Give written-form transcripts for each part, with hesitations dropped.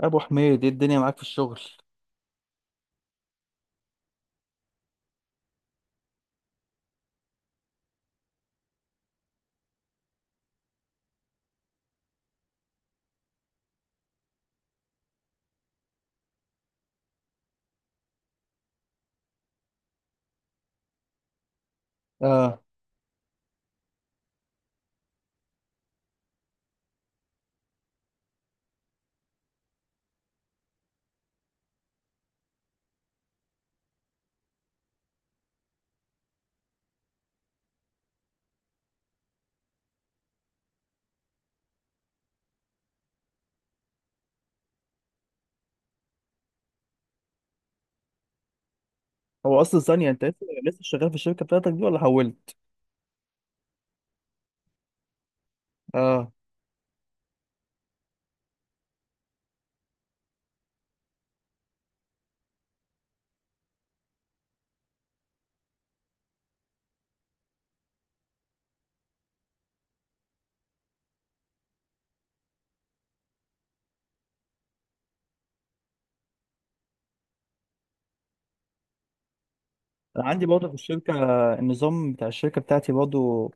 ابو حميد، ايه الدنيا معاك في الشغل؟ اه. هو اصلا ثانيه، انت لسه شغال في الشركه بتاعتك دي ولا حولت؟ اه. انا عندي برضه في الشركه، النظام بتاع الشركه بتاعتي برضه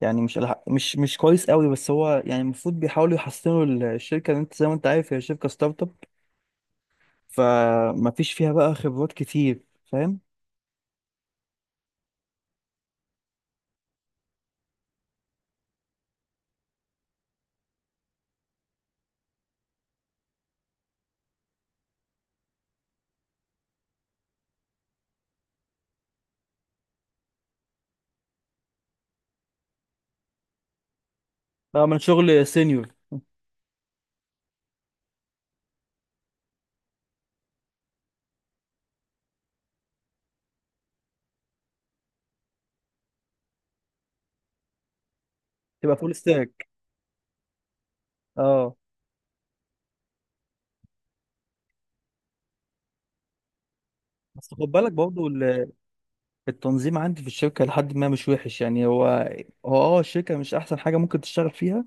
يعني مش كويس قوي، بس هو يعني المفروض بيحاولوا يحسنوا الشركه، لأن انت زي ما انت عارف هي شركه ستارت اب، فما فيش فيها بقى خبرات كتير. فاهم؟ اه، من شغل سينيور. تبقى فول ستاك. اه. بس خد بالك برضه التنظيم عندي في الشركه لحد ما مش وحش يعني، هو الشركه مش احسن حاجه ممكن تشتغل فيها،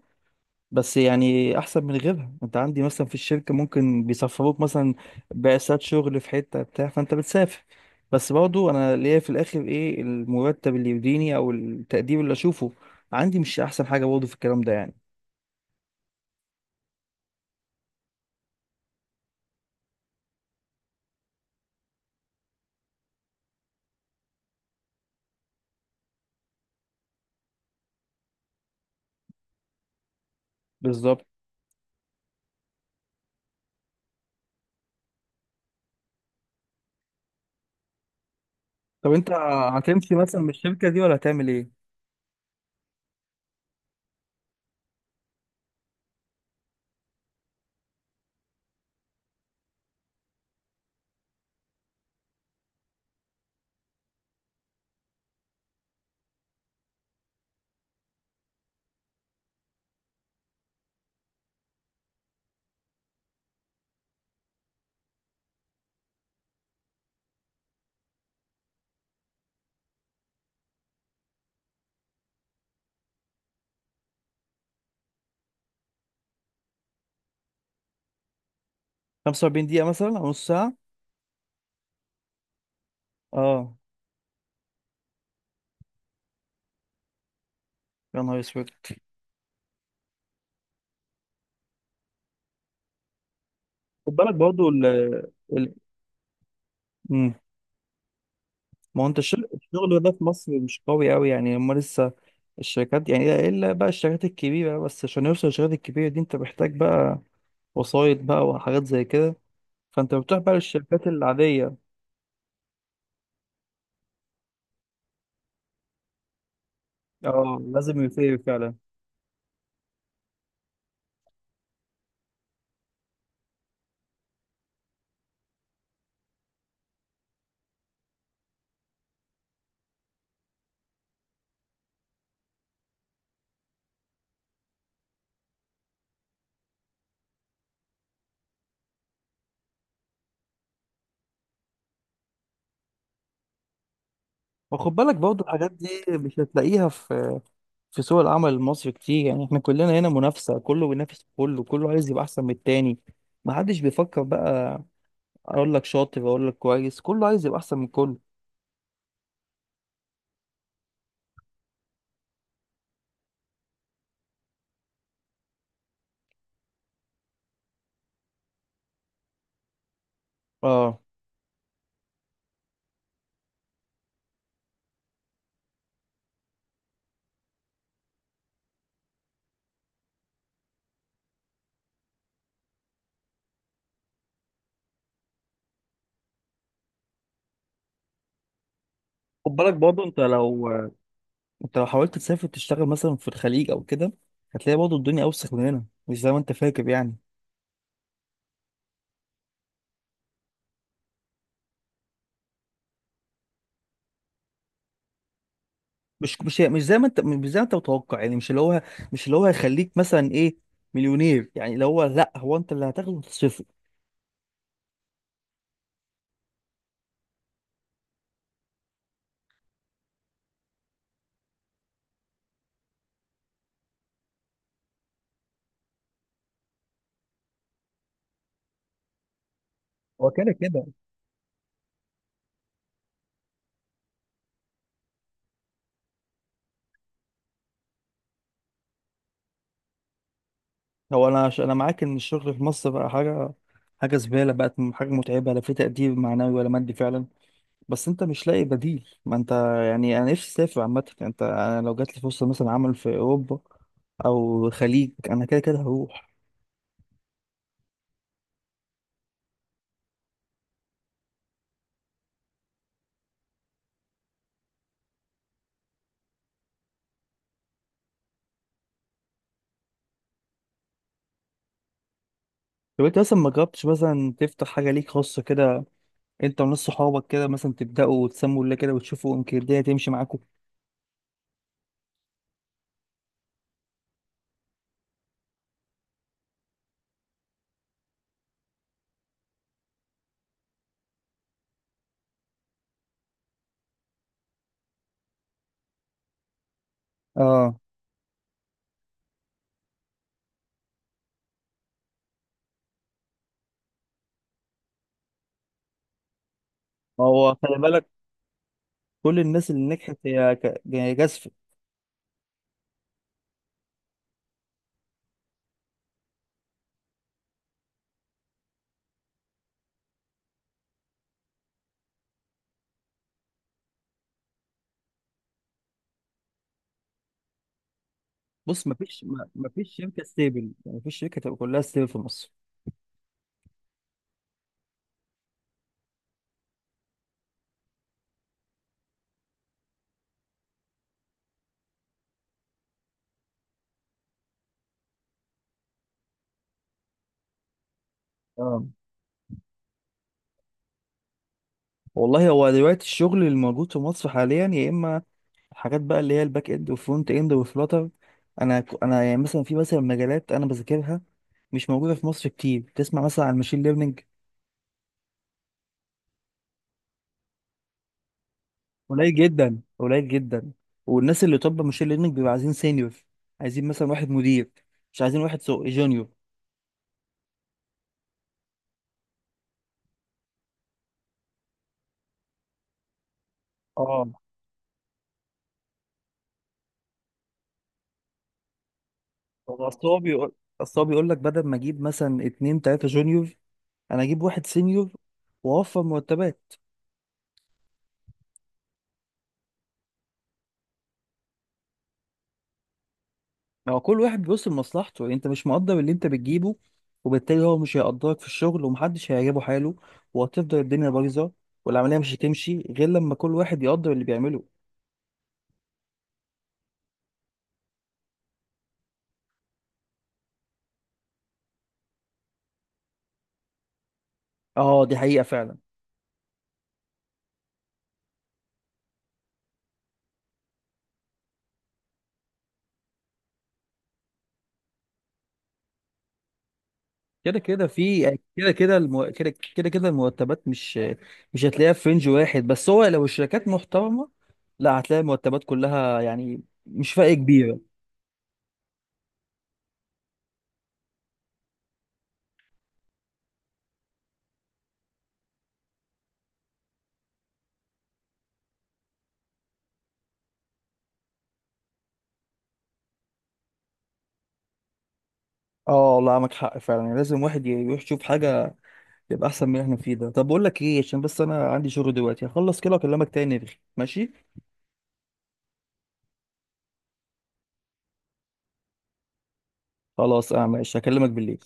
بس يعني احسن من غيرها. انت عندي مثلا في الشركه ممكن بيسفروك مثلا بعثات شغل في حته بتاع، فانت بتسافر. بس برضو انا ليا في الاخر ايه المرتب اللي يديني او التقدير اللي اشوفه عندي؟ مش احسن حاجه برضو في الكلام ده يعني. بالظبط. طب انت هتمشي مثلا من الشركه دي ولا هتعمل ايه؟ 45 دقيقه مثلا او نص ساعه. اه. يا نهار اسود. خد بالك برضو ال ال ما هو انت الشغل ده في مصر مش قوي قوي يعني، هما لسه الشركات، يعني إيه الا بقى الشركات الكبيره بس. عشان يوصل للشركات الكبيره دي انت محتاج بقى وسايط بقى وحاجات زي كده، فانت بتروح بقى للشركات العاديه. اه، لازم يفير فعلا. وخد بالك برضه الحاجات دي مش هتلاقيها في سوق العمل المصري كتير. يعني احنا كلنا هنا منافسه، كله بينافس كله، كله عايز يبقى احسن من التاني. ما حدش بيفكر بقى اقول لك شاطر اقول لك كويس، كله عايز يبقى احسن من كله. اه. خد بالك برضه انت لو حاولت تسافر تشتغل مثلا في الخليج او كده، هتلاقي برضه الدنيا اوسخ من هنا، مش زي ما انت فاكر يعني. مش زي ما انت متوقع يعني، مش اللي هو هيخليك مثلا ايه، مليونير، يعني اللي هو لا، هو انت اللي هتاخده وتصرفه. هو كده كده. انا معاك ان الشغل في مصر بقى حاجه، حاجه زباله بقت، حاجه متعبه، لا في تقدير معنوي ولا مادي فعلا، بس انت مش لاقي بديل ما انت. يعني انا نفسي اسافر عامه يعني، انت انا لو جات لي فرصه مثلا عمل في اوروبا او الخليج انا كده كده هروح. طب انت مثلا ما جربتش مثلا تفتح حاجة ليك خاصة كده، انت وناس صحابك كده، مثلا تبدأوا تسموا الله كده وتشوفوا يمكن الدنيا تمشي معاكم. اه. ما هو خلي بالك، كل الناس اللي نجحت هي هي جازفة. بص، ما فيش، ما فيش شركة ستيبل، ما فيش شركة تبقى كلها ستيبل في مصر. اه. والله هو دلوقتي الشغل الموجود في مصر حاليا يا اما حاجات بقى اللي هي الباك اند والفرونت اند والفلاتر. انا انا يعني مثلا في مثلا مجالات انا بذاكرها مش موجودة في مصر كتير، تسمع مثلا عن الماشين ليرنينج. قليل جدا قليل جدا. والناس اللي، طب ماشين ليرنينج بيبقى عايزين سينيور، عايزين مثلا واحد مدير، مش عايزين واحد سو جونيور. اه. اصل هو بيقول، اصل هو بيقول لك بدل ما اجيب مثلا اتنين تلاته جونيور انا اجيب واحد سينيور واوفر مرتبات. ما هو كل واحد بيبص لمصلحته يعني، انت مش مقدر اللي انت بتجيبه، وبالتالي هو مش هيقدرك في الشغل، ومحدش هيعجبه حاله، وهتفضل الدنيا بايظه. والعمليه مش هتمشي غير لما كل واحد يقدر اللي بيعمله. اه، دي حقيقه فعلا. كده كده في، كده. كده كده المرتبات مش هتلاقيها في رينج واحد، بس هو لو الشركات محترمة لا هتلاقي المرتبات كلها يعني مش فرق كبيرة. اه. والله معاك حق فعلا، يعني لازم واحد يروح يشوف حاجة يبقى أحسن من اللي احنا فيه ده. طب بقول لك ايه، عشان بس أنا عندي شغل دلوقتي، هخلص كده وأكلمك تاني. ماشي. خلاص. اه ماشي، هكلمك بالليل.